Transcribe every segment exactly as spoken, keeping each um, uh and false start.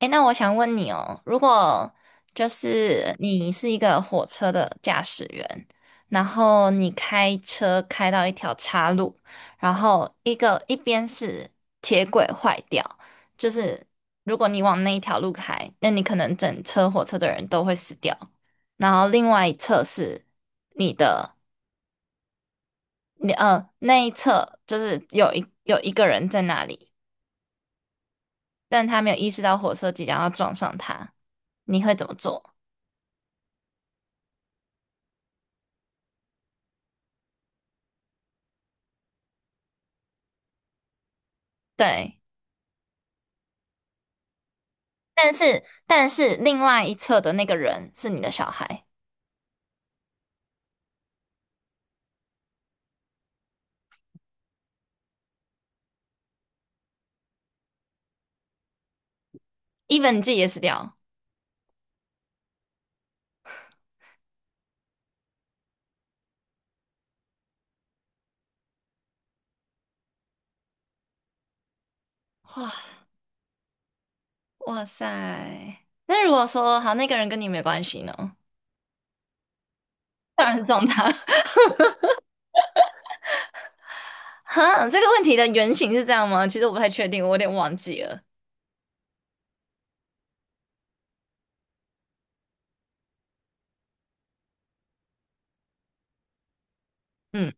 诶，那我想问你哦，如果就是你是一个火车的驾驶员，然后你开车开到一条岔路，然后一个一边是铁轨坏掉，就是如果你往那一条路开，那你可能整车火车的人都会死掉。然后另外一侧是你的，你呃那一侧就是有一有一个人在那里，但他没有意识到火车即将要撞上他，你会怎么做？对，但是但是另外一侧的那个人是你的小孩，even 你自己也死掉。哇哇塞！那如果说好，那个人跟你没关系呢？当然是撞他。哈，这个问题的原型是这样吗？其实我不太确定，我有点忘记了。嗯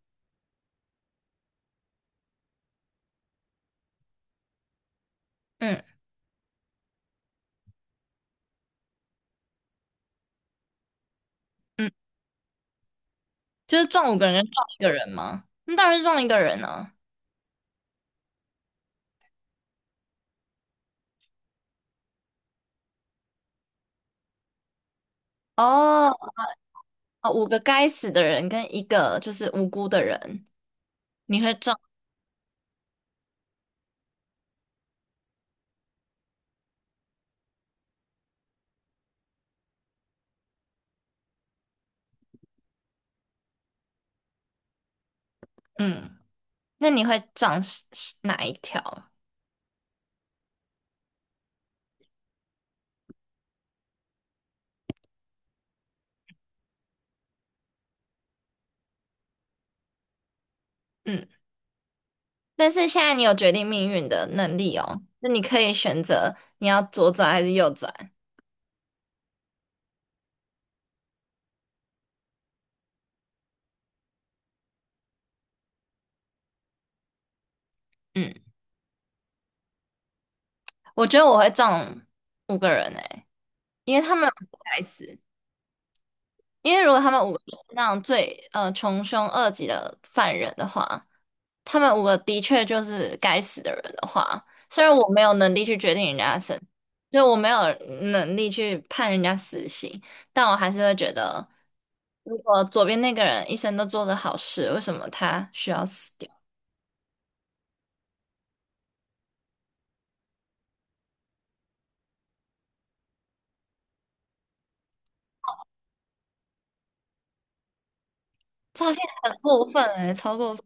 嗯嗯，就是撞五个人跟撞一个人吗？那当然是撞一个人啊。哦，哦五个该死的人跟一个就是无辜的人，你会撞？嗯，那你会撞是是哪一条？嗯。但是现在你有决定命运的能力哦，那你可以选择你要左转还是右转。嗯，我觉得我会撞五个人诶，因为他们不该死。因为如果他们五个都是那种最呃穷凶恶极的犯人的话，他们五个的确就是该死的人的话，虽然我没有能力去决定人家的生，就我没有能力去判人家死刑，但我还是会觉得，如果左边那个人一生都做着好事，为什么他需要死掉？诈骗很过分哎、超过分，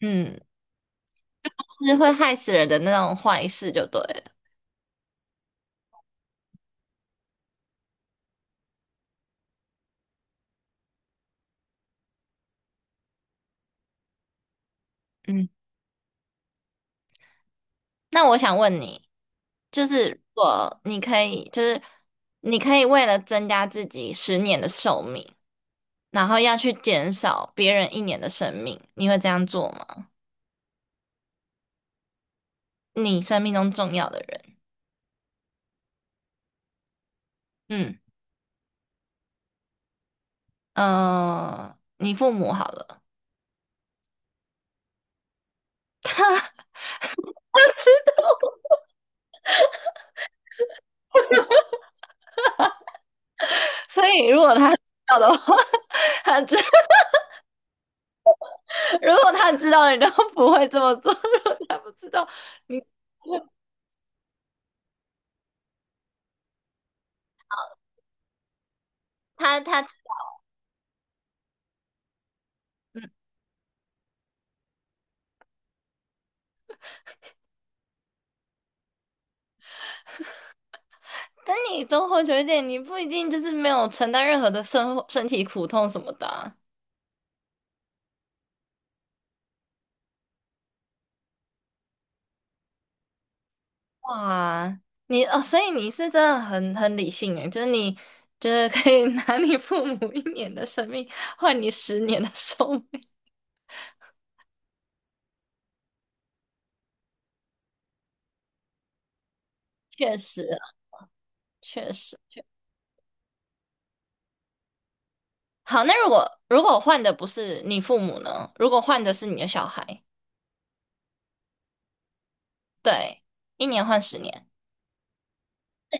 嗯，是会害死人的那种坏事就对了。嗯，那我想问你，就是如果你可以，就是你可以为了增加自己十年的寿命，然后要去减少别人一年的生命，你会这样做吗？你生命中重要的人，嗯呃，你父母好了，知道，所以如果他知道的话，他知。如果他知道你都不会这么做，如果他不知道你他他嗯，但你多活久一点，你不一定就是没有承担任何的身身体苦痛什么的啊哇，你哦，所以你是真的很很理性诶，就是你就是可以拿你父母一年的生命换你十年的寿命，确实啊，确实。确好，那如果如果换的不是你父母呢？如果换的是你的小孩，对，一年换十年，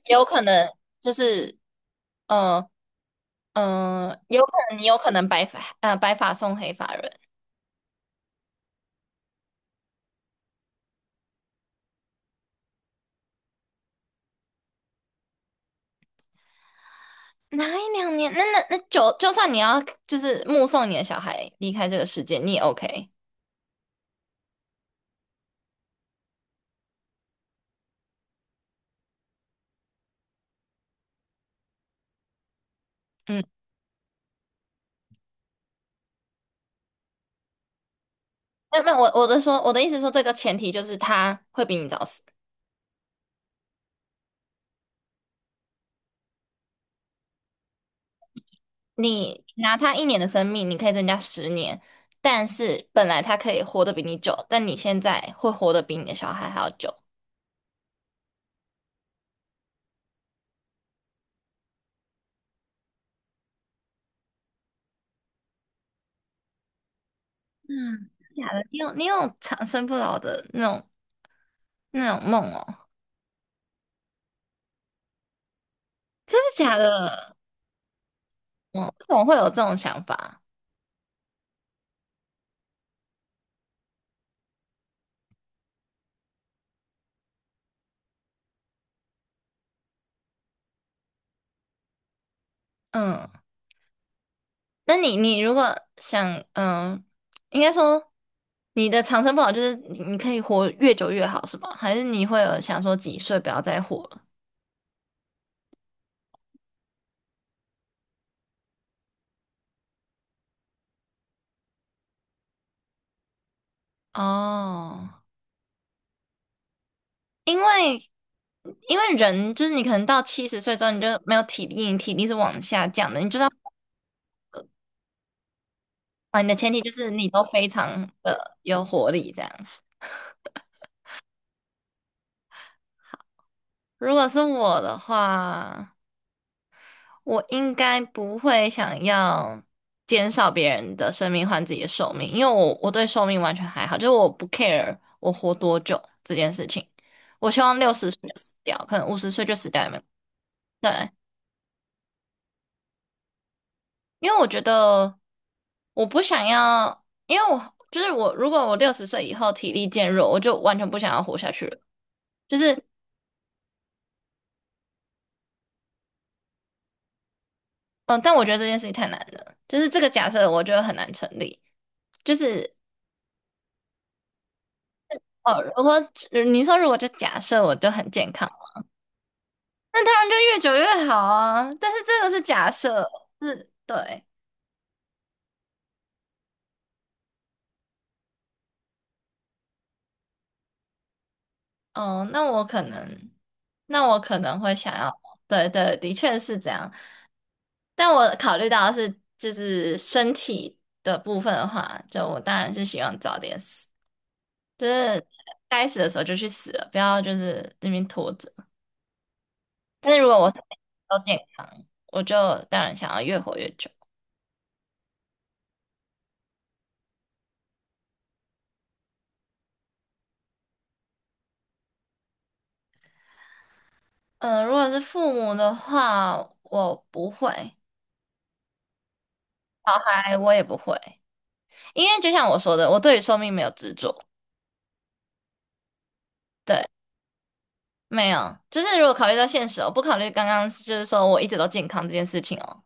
有可能就是嗯嗯，有可能你有可能白发呃白发送黑发人，哪一两年？那那那就就算你要就是目送你的小孩离开这个世界，你也 OK。嗯，那那我我的说我的意思说，这个前提就是他会比你早死。你拿他一年的生命，你可以增加十年，但是本来他可以活得比你久，但你现在会活得比你的小孩还要久。嗯，假的，你有你有长生不老的那种那种梦哦，真的假的？嗯，为什么会有这种想法？嗯，那你你如果想，嗯，应该说你的长生不老就是你你可以活越久越好，是吗？还是你会有想说几岁不要再活了？哦，因为因为人就是你可能到七十岁之后你就没有体力，你体力是往下降的，你就是要啊，你的前提就是你都非常的有活力这样。如果是我的话。我应该不会想要减少别人的生命换自己的寿命，因为我我对寿命完全还好，就是我不 care 我活多久这件事情。我希望六十岁就死掉，可能五十岁就死掉也没对，因为我觉得我不想要，因为我就是我，如果我六十岁以后体力渐弱，我就完全不想要活下去了。就是嗯、呃但我觉得这件事情太难了，就是这个假设我觉得很难成立。就是哦，如果呃你说如果就假设我就很健康。那当然就越久越好啊。但是这个是假设，是对，嗯，那我可能，那我可能会想要，对对，的确是这样。但我考虑到的是就是身体的部分的话，就我当然是希望早点死，就是该死的时候就去死了，不要就是这边拖着。但是如果我是 o 点，我就当然想要越活越久。嗯、如果是父母的话，我不会，小孩我也不会。因为就像我说的，我对于寿命没有执着，对，没有，就是如果考虑到现实哦，不考虑刚刚就是说我一直都健康这件事情哦，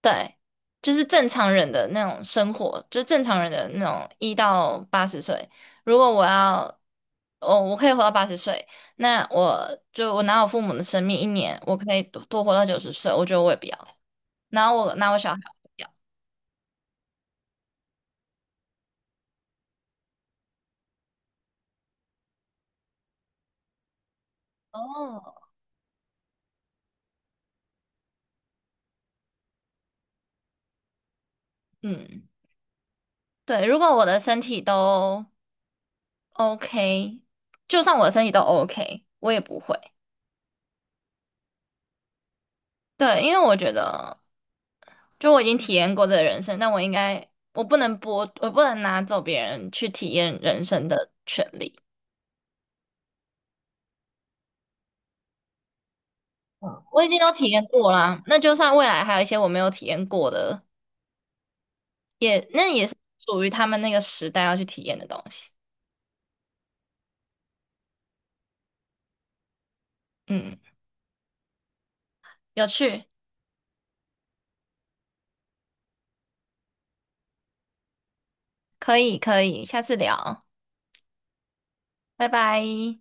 对，就是正常人的那种生活，就是正常人的那种一到八十岁，如果我要，哦，我可以活到八十岁，那我就我拿我父母的生命一年，我可以多多活到九十岁，我觉得我也不要，然后我拿我小孩我也不要，哦，嗯，对，如果我的身体都 OK，就算我的身体都 OK，我也不会。对，因为我觉得，就我已经体验过这个人生，但我应该，我不能剥，我不能拿走别人去体验人生的权利。嗯，我已经都体验过啦，那就算未来还有一些我没有体验过的，也那也是属于他们那个时代要去体验的东西。嗯，有趣，可以可以，下次聊，拜拜。